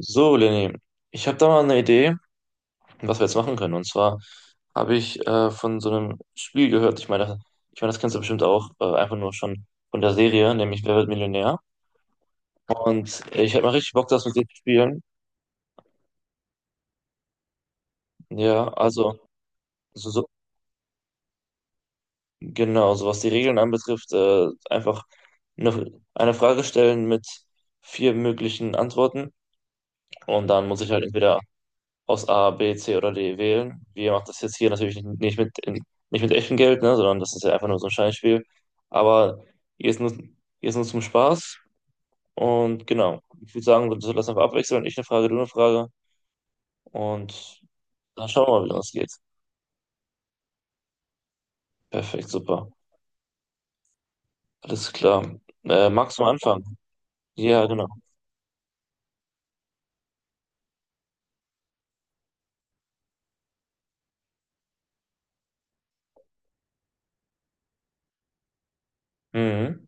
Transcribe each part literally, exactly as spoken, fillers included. So, Lenny, ich habe da mal eine Idee, was wir jetzt machen können. Und zwar habe ich äh, von so einem Spiel gehört. Ich meine, das- ich meine, das kennst du bestimmt auch, äh, einfach nur schon von der Serie, nämlich Wer wird Millionär? Und ich hätte mal richtig Bock, das mit dir zu spielen. Ja, also, so, so, genau, so was die Regeln anbetrifft, äh, einfach eine, eine Frage stellen mit vier möglichen Antworten. Und dann muss ich halt entweder aus A, B, C oder D wählen. Wir machen das jetzt hier natürlich nicht, nicht mit, in, nicht mit echtem Geld, ne, sondern das ist ja einfach nur so ein Scheinspiel. Aber hier ist nur, hier ist nur zum Spaß. Und genau, ich würde sagen, wir sollten das einfach abwechseln. Ich eine Frage, du eine Frage. Und dann schauen wir mal, wie das geht. Perfekt, super. Alles klar. Äh, magst du anfangen? Ja, genau. Mhm.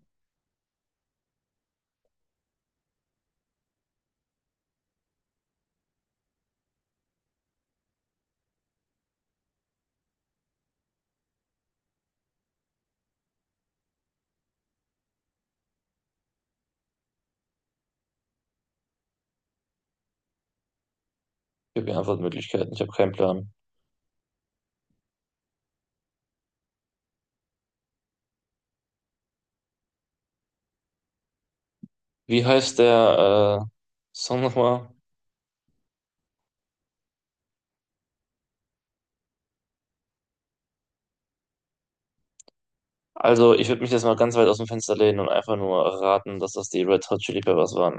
Ich habe hier Antwortmöglichkeiten. Ich habe keinen Plan. Wie heißt der äh, Song nochmal? Also, ich würde mich jetzt mal ganz weit aus dem Fenster lehnen und einfach nur raten, dass das die Red Hot Chili Peppers waren.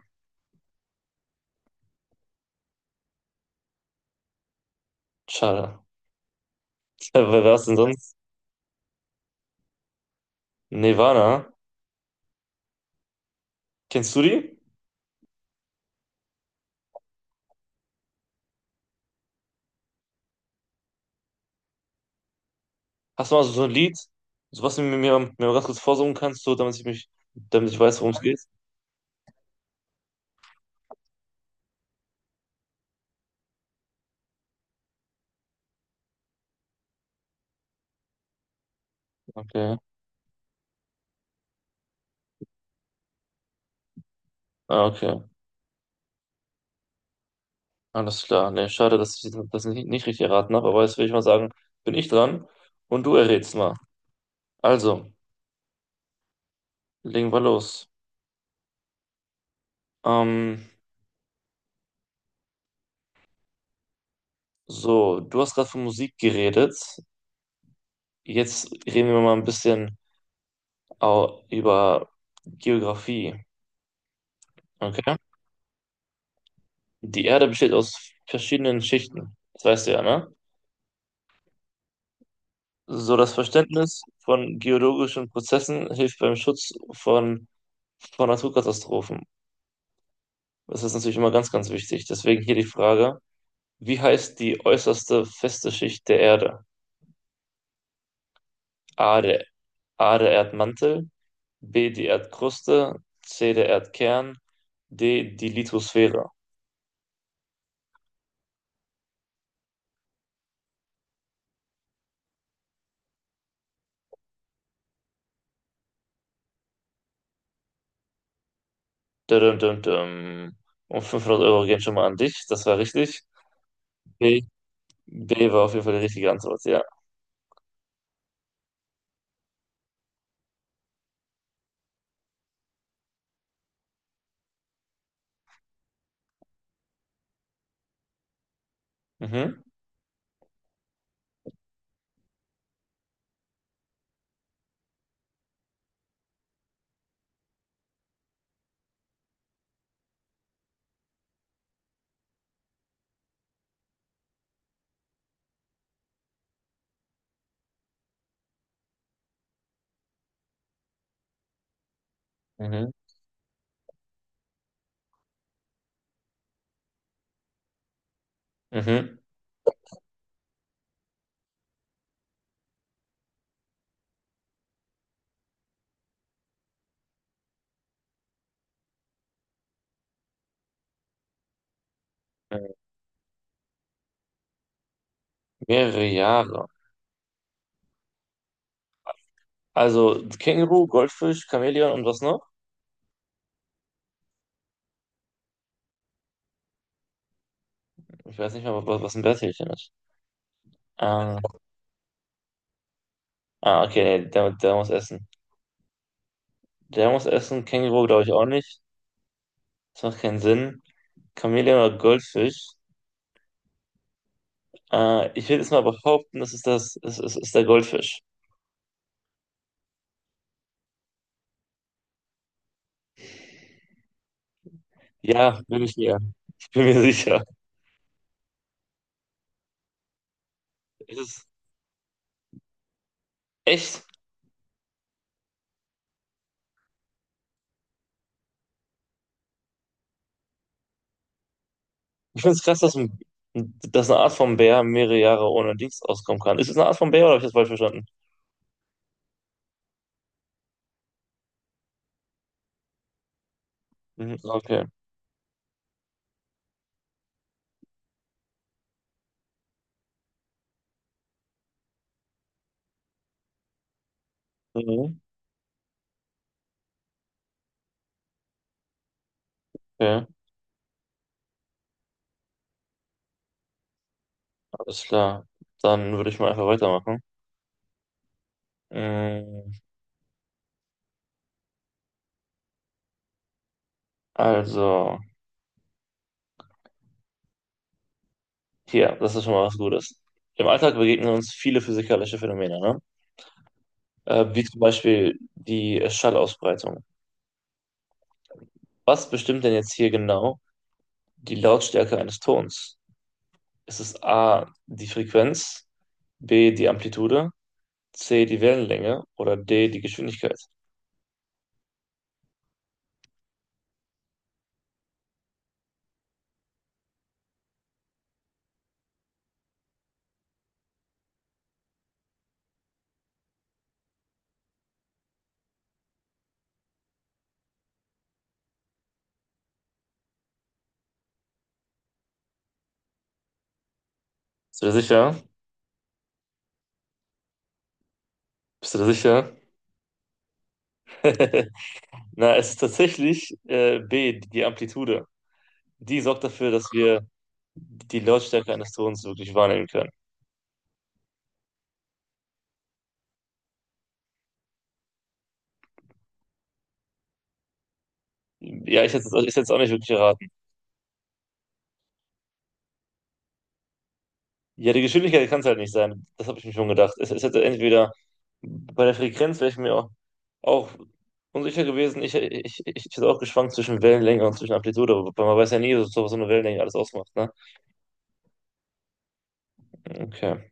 Schade. Wer war es denn sonst? Nirvana? Kennst du die? Hast du mal so so ein Lied, so was du mir, mir, mir mal ganz kurz vorsummen kannst, so, damit ich mich, damit ich weiß, worum es geht? Okay. Ah, okay. Alles klar. Nee, schade, dass ich das nicht, nicht richtig erraten habe, aber jetzt will ich mal sagen, bin ich dran und du errätst mal. Also, legen wir los. Ähm, so, du hast gerade von Musik geredet. Jetzt reden wir mal ein bisschen. Au- über Geografie. Okay. Die Erde besteht aus verschiedenen Schichten. Das weißt du ja, ne? So das Verständnis von geologischen Prozessen hilft beim Schutz von, von Naturkatastrophen. Das ist natürlich immer ganz, ganz wichtig. Deswegen hier die Frage, wie heißt die äußerste feste Schicht der Erde? A, der, A, der Erdmantel, B, die Erdkruste, C, der Erdkern, D, die Lithosphäre. Düm, düm, düm. Und fünfhundert Euro gehen schon mal an dich. Das war richtig. B, B war auf jeden Fall die richtige Antwort, ja. Mhm, mhm, mhm. Mhm. Mehrere Jahre. Also Känguru, Goldfisch, Chamäleon und was noch? Ich weiß nicht mal, was, was ein Bärtierchen ist. Ähm, ah, okay, nee, der, der muss essen. Der muss essen. Känguru glaube ich auch nicht. Das macht keinen Sinn. Chamäleon oder Goldfisch? Äh, ich will jetzt mal behaupten, das ist das, es ist, ist der Goldfisch. Ja, bin ich mir. Ich bin mir sicher. Es ist echt. Ich finde es krass, dass, ein, dass eine Art von Bär mehrere Jahre ohne Dings auskommen kann. Ist es eine Art von Bär oder habe ich das falsch verstanden? Mhm, okay. Mhm, okay, alles klar. Dann würde ich mal einfach weitermachen. Mm, also, hier, das ist schon mal was Gutes. Im Alltag begegnen uns viele physikalische Phänomene, ne? Äh, wie zum Beispiel die Schallausbreitung. Was bestimmt denn jetzt hier genau die Lautstärke eines Tons? Ist es A, die Frequenz, B, die Amplitude? C, die Wellenlänge oder D, die Geschwindigkeit. Bist du da sicher? Bist du da sicher? Na, es ist tatsächlich äh, B, die Amplitude. Die sorgt dafür, dass wir die Lautstärke eines Tons wirklich wahrnehmen können. Ja, ich hätte es also ich hätte es auch nicht wirklich erraten. Ja, die Geschwindigkeit kann es halt nicht sein. Das habe ich mir schon gedacht. Es, es hätte entweder bei der Frequenz wäre ich mir auch, auch unsicher gewesen. Ich, ich, ich, ich hätte auch geschwankt zwischen Wellenlänge und zwischen Amplitude, weil man weiß ja nie, so, was so eine Wellenlänge alles ausmacht. Ne? Okay.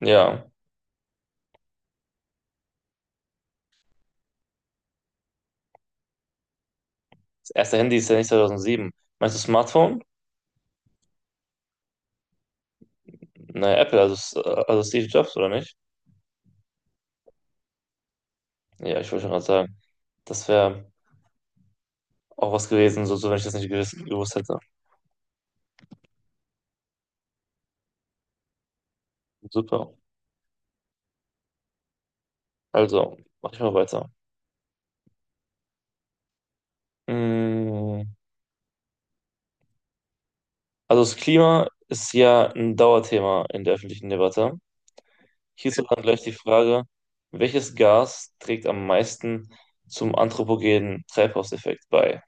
Ja. Das erste Handy ist ja nicht zweitausendsieben. Meinst du Smartphone? Naja, Apple, also, S- also Steve Jobs, oder nicht? Ja, ich wollte schon gerade sagen. Das wäre auch was gewesen, so, so wenn ich das nicht gewiss, gewusst hätte. Super. Also, mach ich mal weiter. Mm, also das Klima ist ja ein Dauerthema in der öffentlichen Debatte. Hierzu dann gleich die Frage, welches Gas trägt am meisten zum anthropogenen Treibhauseffekt bei?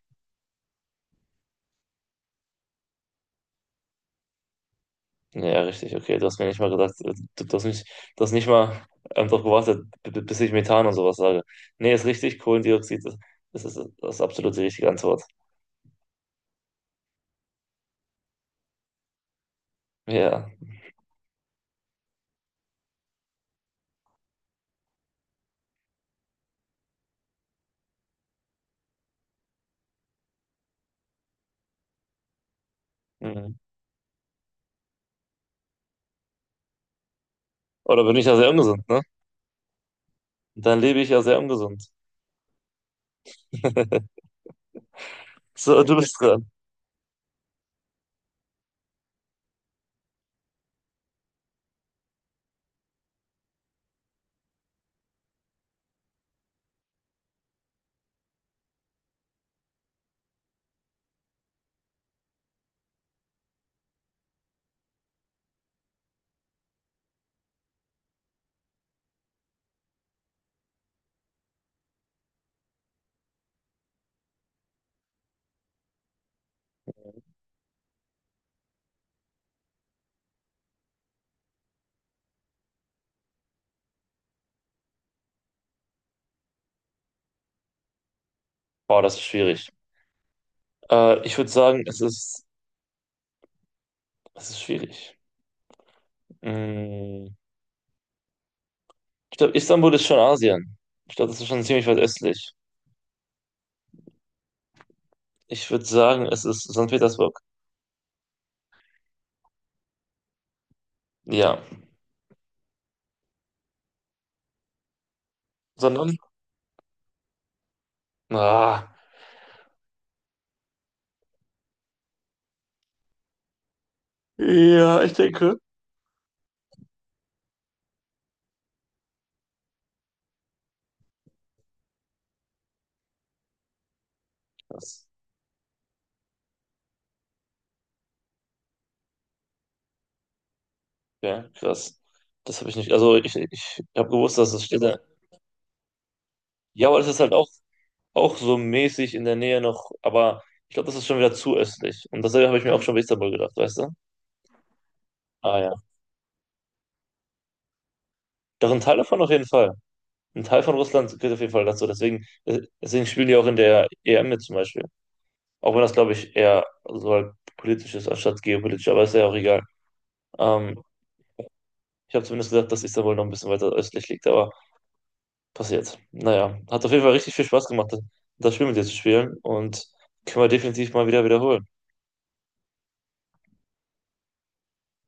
Ja, richtig, okay. Du hast mir nicht mal gesagt, äh, du, du hast mich, du hast nicht mal ähm, darauf gewartet, b- b- bis ich Methan und sowas sage. Nee, ist richtig, Kohlendioxid ist, ist, ist, ist absolut die richtige Antwort. Ja. Mhm. Oder bin ich ja sehr ungesund, ne? Dann lebe ich ja sehr ungesund. So, du bist dran. Boah, das ist schwierig. Äh, ich würde sagen, es ist, es ist schwierig. Mm, ich glaube, Istanbul ist schon Asien. Ich glaube, das ist schon ziemlich weit östlich. Ich würde sagen, es ist Sankt Petersburg. Ja. Sondern? Ah. Ja, ich denke. Krass. Ja, krass. Das habe ich nicht. Also ich, ich habe gewusst, dass es steht. Ja, aber das ist halt auch, auch so mäßig in der Nähe noch. Aber ich glaube, das ist schon wieder zu östlich. Und dasselbe habe ich mir auch schon bei Istanbul gedacht, weißt du? Ah ja. Doch ein Teil davon auf jeden Fall. Ein Teil von Russland gehört auf jeden Fall dazu. Deswegen, äh, deswegen spielen die auch in der E M mit zum Beispiel. Auch wenn das, glaube ich, eher so halt politisch ist, anstatt geopolitisch. Aber ist ja auch egal. Ähm, ich habe zumindest gedacht, dass Istanbul noch ein bisschen weiter östlich liegt. Aber passiert. Naja, hat auf jeden Fall richtig viel Spaß gemacht, das Spiel mit dir zu spielen und können wir definitiv mal wieder wiederholen.